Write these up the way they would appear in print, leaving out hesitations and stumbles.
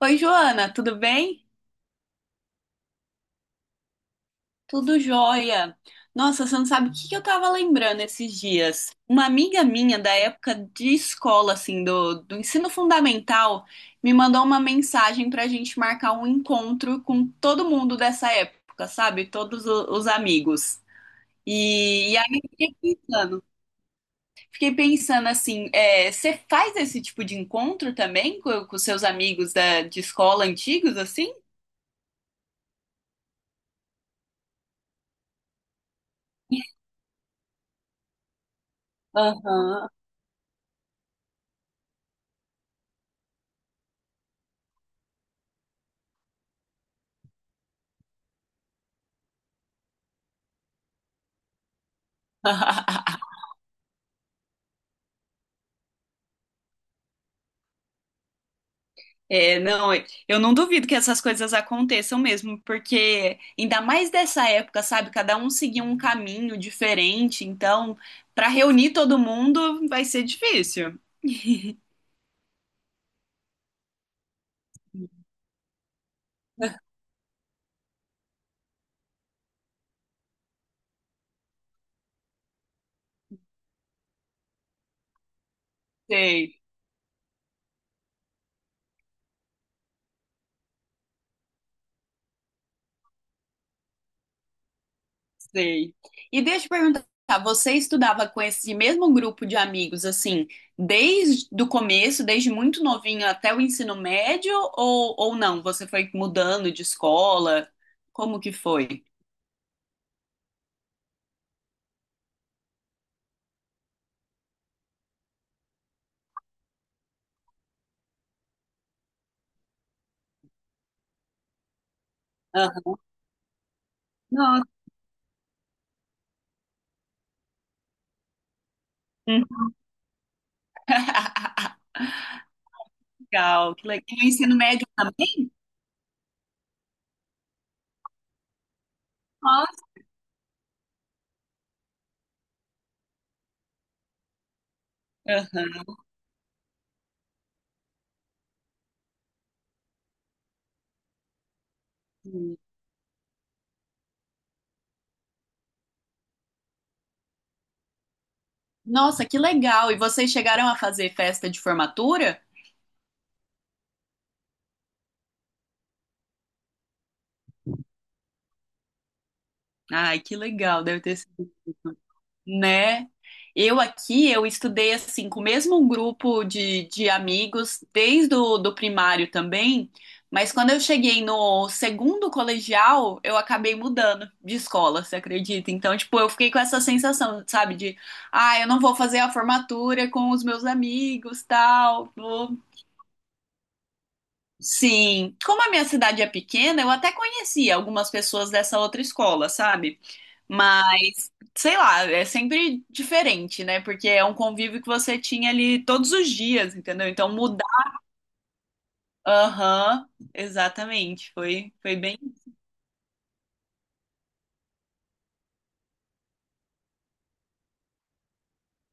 Oi, Joana, tudo bem? Tudo jóia. Nossa, você não sabe o que que eu tava lembrando esses dias. Uma amiga minha da época de escola, assim, do ensino fundamental, me mandou uma mensagem pra gente marcar um encontro com todo mundo dessa época, sabe? Todos os amigos. E aí eu fiquei pensando assim, você faz esse tipo de encontro também com seus amigos de escola antigos, assim? Aham. Não, eu não duvido que essas coisas aconteçam mesmo, porque ainda mais dessa época, sabe? Cada um seguia um caminho diferente, então, para reunir todo mundo vai ser difícil. Sei, sei. E deixa eu perguntar, você estudava com esse mesmo grupo de amigos, assim, desde o começo, desde muito novinho até o ensino médio, ou não? Você foi mudando de escola? Como que foi? Aham. Nossa. Legal, que legal. E o ensino médio também. Nossa. Aham. Nossa, que legal. E vocês chegaram a fazer festa de formatura? Ai, que legal, deve ter sido, né? Eu aqui, eu estudei assim, com o mesmo grupo de amigos, desde o do primário também, mas quando eu cheguei no segundo colegial, eu acabei mudando de escola, você acredita? Então, tipo, eu fiquei com essa sensação, sabe, de, ah, eu não vou fazer a formatura com os meus amigos, tal, vou. Sim, como a minha cidade é pequena, eu até conhecia algumas pessoas dessa outra escola, sabe? Mas, sei lá, é sempre diferente, né? Porque é um convívio que você tinha ali todos os dias, entendeu? Então mudar. Aham, exatamente. Foi bem.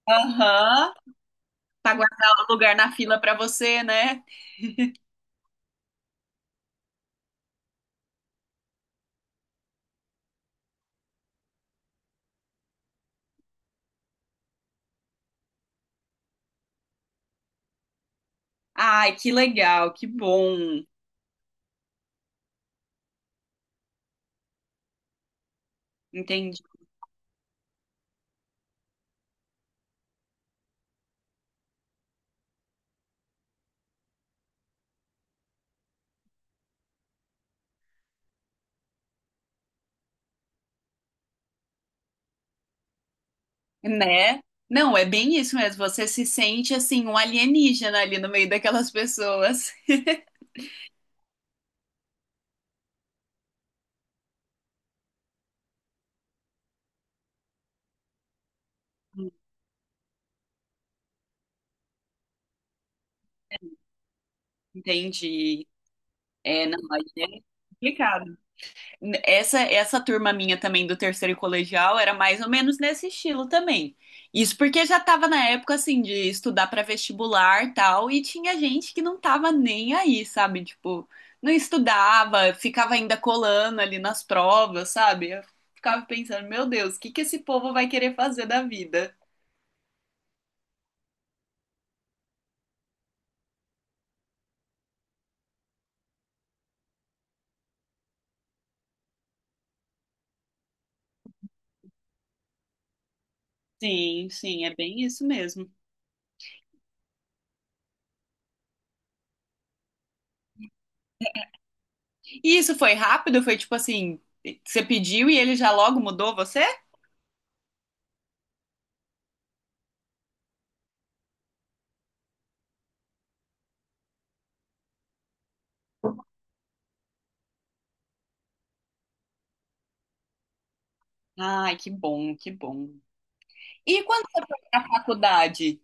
Aham, pra guardar o lugar na fila pra você, né? Ai, que legal, que bom. Entendi. Né? Não, é bem isso mesmo. Você se sente assim, um alienígena ali no meio daquelas pessoas. Entendi. É, não, aí é complicado. Essa turma minha também do terceiro colegial era mais ou menos nesse estilo também. Isso porque já tava na época, assim, de estudar para vestibular e tal, e tinha gente que não tava nem aí, sabe? Tipo, não estudava, ficava ainda colando ali nas provas, sabe? Eu ficava pensando, meu Deus, o que que esse povo vai querer fazer da vida? Sim, sim, é bem isso mesmo. E isso foi rápido? Foi tipo assim, você pediu e ele já logo mudou você? Ai, que bom, que bom. E quando você foi para a faculdade,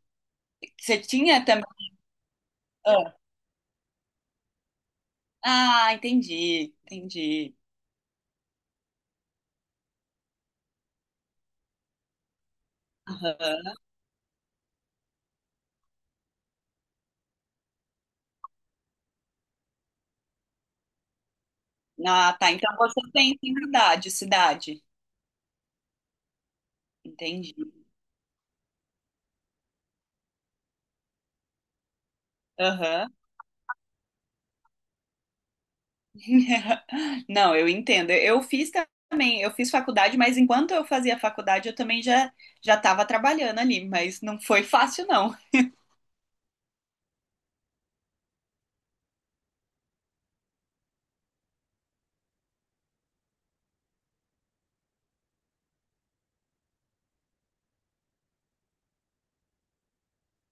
você tinha também. Ah, ah, entendi, entendi. Aham. Ah, tá. Então você tem tem idade, cidade. Entendi. Aham. Não, eu entendo. Eu fiz também, eu fiz faculdade, mas enquanto eu fazia faculdade, eu também já estava trabalhando ali, mas não foi fácil, não.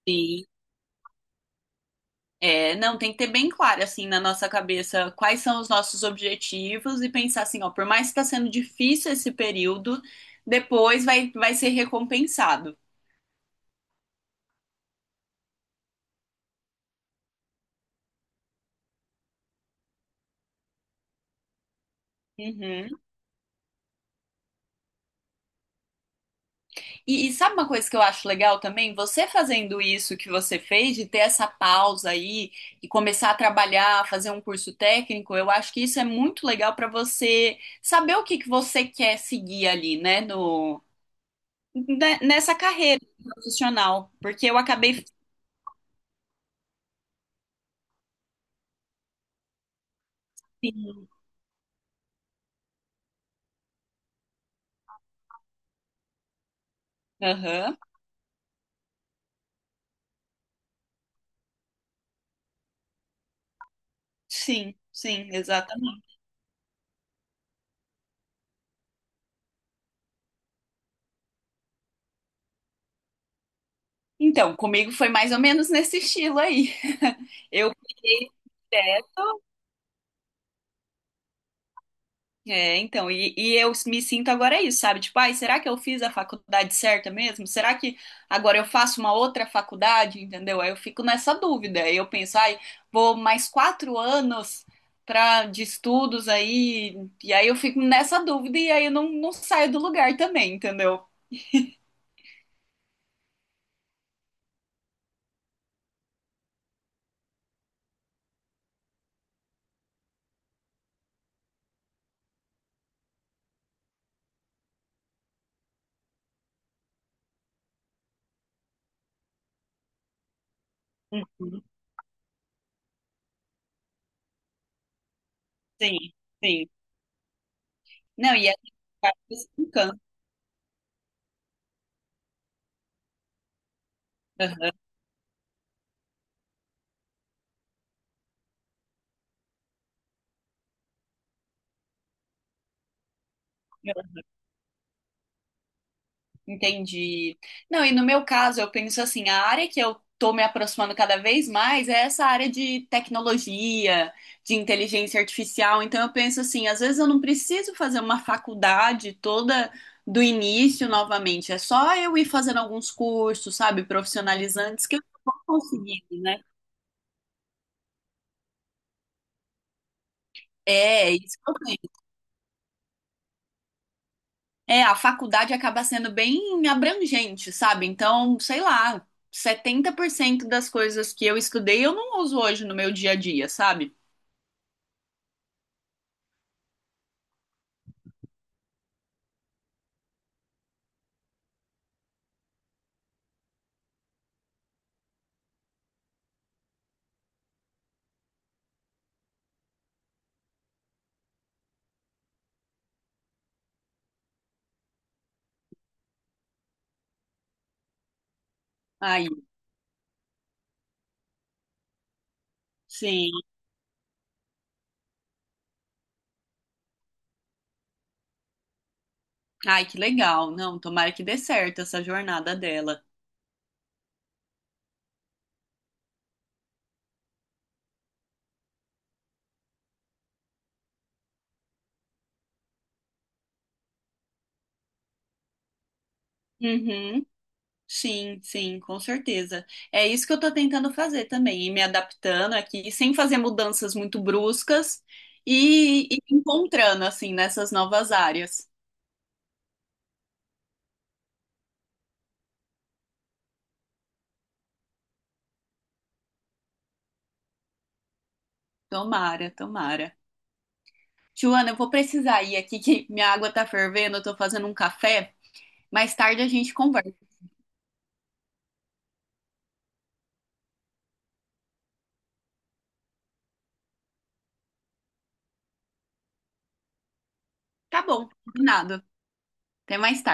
Sim. É, não, tem que ter bem claro, assim, na nossa cabeça quais são os nossos objetivos e pensar assim, ó, por mais que está sendo difícil esse período, depois vai, vai ser recompensado. Uhum. E sabe uma coisa que eu acho legal também? Você fazendo isso que você fez, de ter essa pausa aí e começar a trabalhar, fazer um curso técnico, eu acho que isso é muito legal para você saber o que que você quer seguir ali, né, no, nessa carreira profissional, porque eu acabei. Aham. Sim, sim, exatamente. Então, comigo foi mais ou menos nesse estilo aí. Eu peguei. É, então, e eu me sinto agora isso, sabe? Tipo, ai, será que eu fiz a faculdade certa mesmo? Será que agora eu faço uma outra faculdade, entendeu? Aí eu fico nessa dúvida. Aí eu penso, ai, vou mais 4 anos pra, de estudos aí, e aí eu fico nessa dúvida e aí eu não saio do lugar também, entendeu? Uhum. Sim, sim. Não, e a gente vai se educando. Entendi. Não, e no meu caso, eu penso assim, a área que eu tô me aproximando cada vez mais é essa área de tecnologia, de inteligência artificial. Então eu penso assim, às vezes eu não preciso fazer uma faculdade toda do início novamente, é só eu ir fazendo alguns cursos, sabe, profissionalizantes que eu vou conseguindo, né? É, isso que eu. É, a faculdade acaba sendo bem abrangente, sabe? Então, sei lá, 70% das coisas que eu estudei eu não uso hoje no meu dia a dia, sabe? Aí, sim. Ai, que legal. Não, tomara que dê certo essa jornada dela. Uhum. Sim, sim, com certeza. É isso que eu tô tentando fazer também, ir me adaptando aqui, sem fazer mudanças muito bruscas e encontrando, assim, nessas novas áreas. Tomara, tomara. Joana, eu vou precisar ir aqui que minha água tá fervendo, eu tô fazendo um café. Mais tarde a gente conversa. Tá bom, combinado. Até mais tarde.